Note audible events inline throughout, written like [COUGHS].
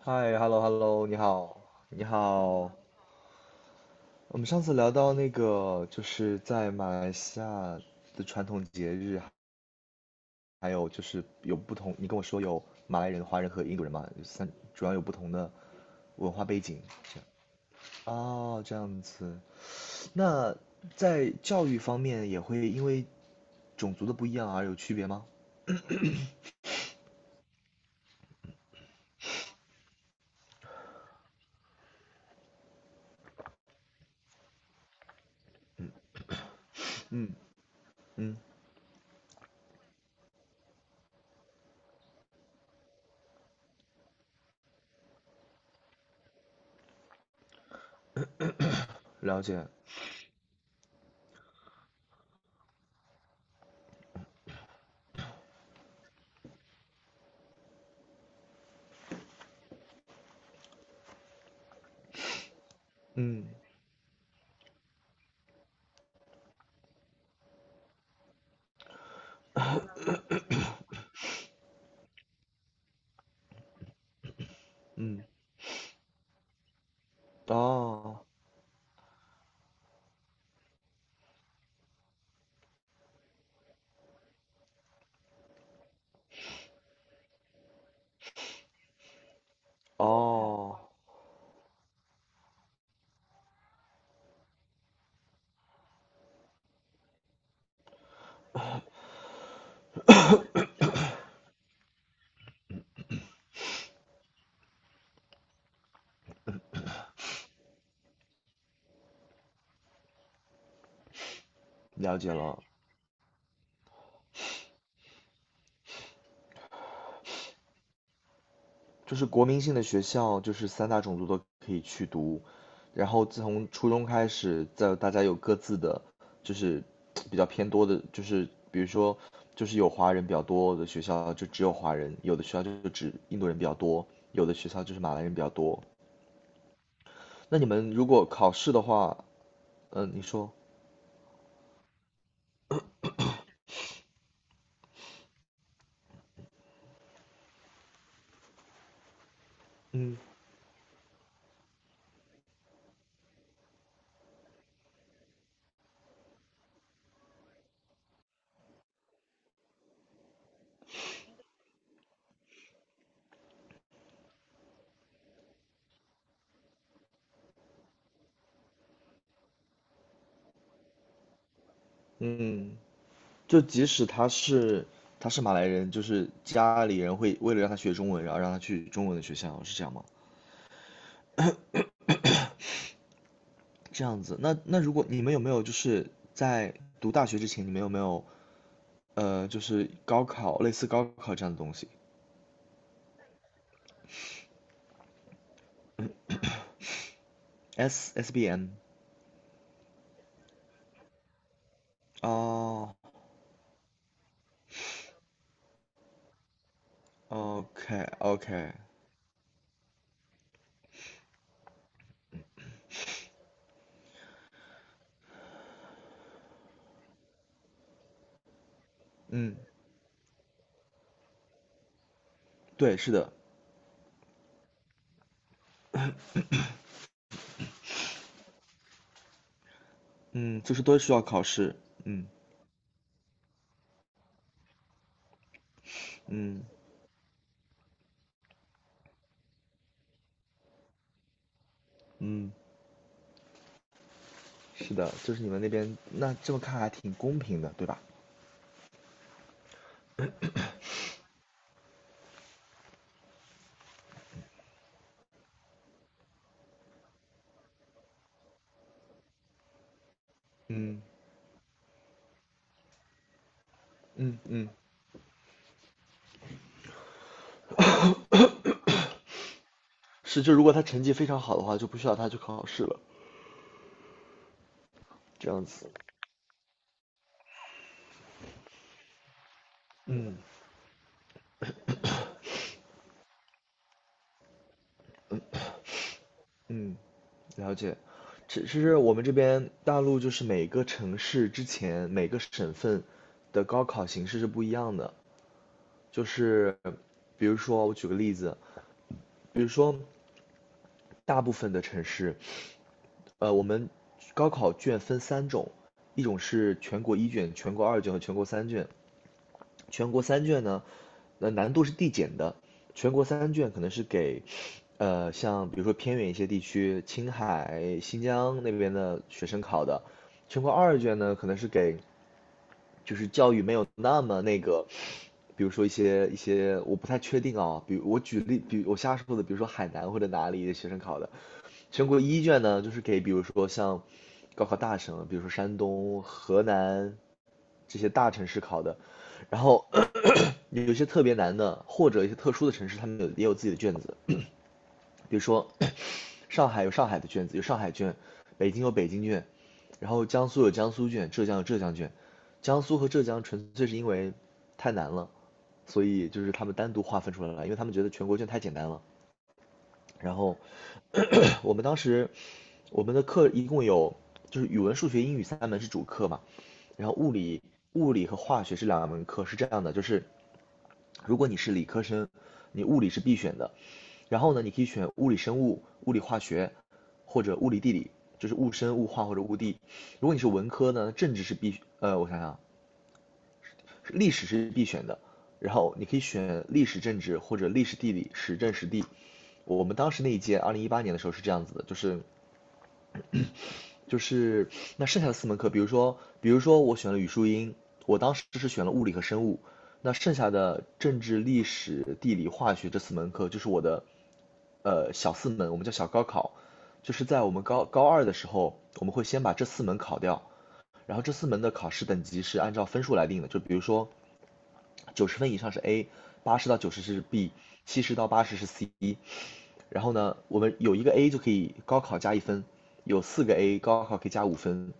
嗨，hello hello，你好，你好。我们上次聊到那个，就是在马来西亚的传统节日，还有就是有不同，你跟我说有马来人、华人和印度人嘛，主要有不同的文化背景。这样哦，这样子。那在教育方面也会因为种族的不一样而有区别吗？嗯，了解。嗯嗯，哦哦，了解了。就是国民性的学校，就是三大种族都可以去读。然后自从初中开始，在大家有各自的，就是比较偏多的，就是比如说，就是有华人比较多的学校就只有华人，有的学校就只印度人比较多，有的学校就是马来人比较多。那你们如果考试的话，嗯、你说，嗯嗯，就即使他是马来人，就是家里人会为了让他学中文，然后让他去中文的学校，是这样吗？这样子，那如果你们有没有就是在读大学之前，你们有没有就是高考类似高考这样的东西？SSBM 哦，OK OK，嗯，对，是的，嗯，就是都需要考试，嗯嗯嗯，是的，就是你们那边那这么看还挺公平的，对吧？嗯嗯嗯，是，就如果他成绩非常好的话，就不需要他去考试了，这样子，嗯嗯。了解，其实我们这边大陆就是每个城市之前每个省份的高考形式是不一样的，就是比如说我举个例子，比如说大部分的城市，我们高考卷分三种，一种是全国一卷、全国二卷和全国三卷，全国三卷呢，难度是递减的。全国三卷可能是给，像比如说偏远一些地区，青海、新疆那边的学生考的。全国二卷呢，可能是给就是教育没有那么那个，比如说一些我不太确定啊，比如我举例，比如我瞎说的，比如说海南或者哪里的学生考的。全国一卷呢，就是给比如说像高考大省，比如说山东、河南、这些大城市考的，然后咳咳有些特别难的，或者一些特殊的城市，他们也有自己的卷子，比如说上海有上海的卷子，有上海卷，北京有北京卷，然后江苏有江苏卷，浙江有浙江卷，江苏和浙江纯粹是因为太难了，所以就是他们单独划分出来了，因为他们觉得全国卷太简单了。然后 [COUGHS] 咳咳我们当时我们的课一共有就是语文、数学、英语三门是主课嘛，然后物理和化学是两门课，是这样的，就是如果你是理科生，你物理是必选的，然后呢，你可以选物理生物、物理化学或者物理地理，就是物生、物化或者物地。如果你是文科呢，政治是必，呃，我想想啊，历史是必选的，然后你可以选历史政治或者历史地理、时政时地。我们当时那一届，二零一八年的时候是这样子的，就是那剩下的四门课，比如说我选了语数英，我当时是选了物理和生物，那剩下的政治、历史、地理、化学这四门课，就是我的小四门，我们叫小高考，就是在我们高二的时候，我们会先把这四门考掉，然后这四门的考试等级是按照分数来定的，就比如说90分以上是 A，80到90是 B，70到80是 C，然后呢，我们有一个 A 就可以高考加1分，有四个 A 高考可以加5分。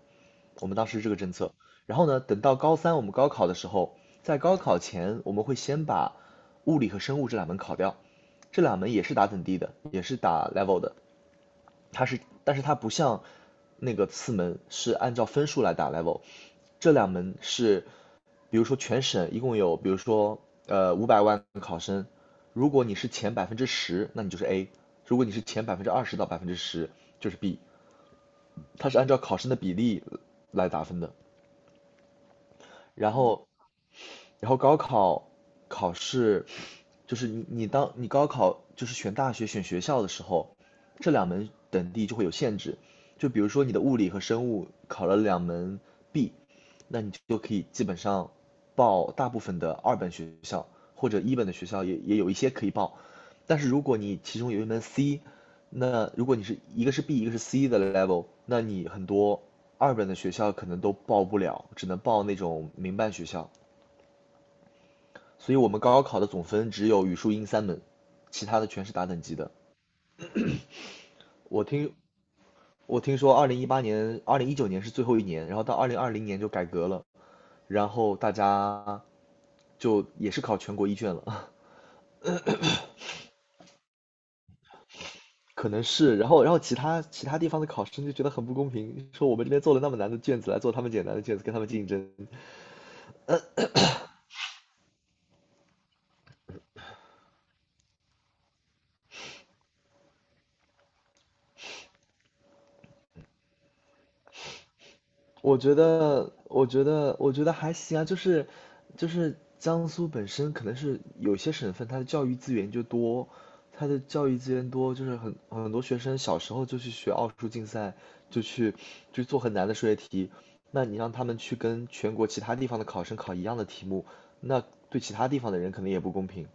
我们当时是这个政策。然后呢，等到高三我们高考的时候，在高考前我们会先把物理和生物这两门考掉，这两门也是打等第的，也是打 level 的。但是它不像那个次门是按照分数来打 level，这两门是比如说全省一共有，比如说500万考生，如果你是前百分之十，那你就是 A；如果你是前20%到百分之十，就是 B。它是按照考生的比例来打分的。然后，然后高考考试就是你当你高考就是选大学选学校的时候，这两门等地就会有限制。就比如说你的物理和生物考了两门 B，那你就可以基本上报大部分的二本学校或者一本的学校也有一些可以报。但是如果你其中有一门 C，那如果你是一个是 B 一个是 C 的 level，那你很多二本的学校可能都报不了，只能报那种民办学校。所以我们高考的总分只有语数英三门，其他的全是打等级的。我听我听说，二零一八年、2019年是最后一年，然后到2020年就改革了，然后大家就也是考全国一卷了，[LAUGHS] 可能是。然后其他地方的考生就觉得很不公平，说我们这边做了那么难的卷子来做他们简单的卷子，跟他们竞争。我觉得还行啊，就是江苏本身可能是有些省份它的教育资源就多，它的教育资源多，就是很多学生小时候就去学奥数竞赛，就去就做很难的数学题，那你让他们去跟全国其他地方的考生考一样的题目，那对其他地方的人可能也不公平。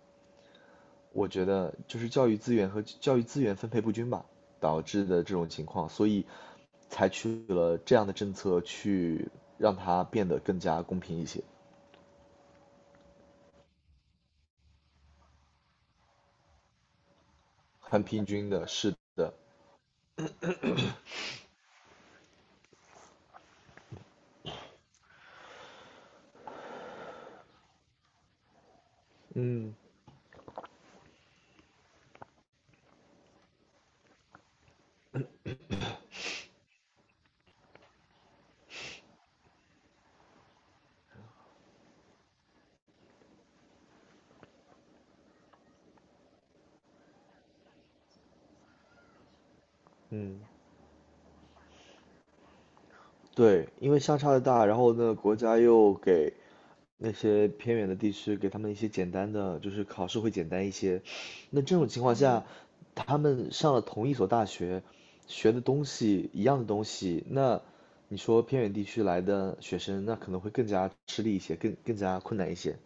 我觉得就是教育资源和教育资源分配不均吧，导致的这种情况，所以采取了这样的政策去让它变得更加公平一些，很平均的，是的，嗯嗯，对，因为相差的大，然后呢，国家又给那些偏远的地区给他们一些简单的，就是考试会简单一些，那这种情况下，他们上了同一所大学，学的东西一样的东西，那你说偏远地区来的学生，那可能会更加吃力一些，更加困难一些。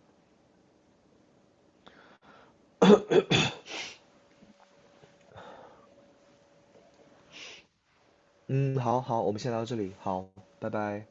嗯，好好，我们先聊到这里，好，拜拜。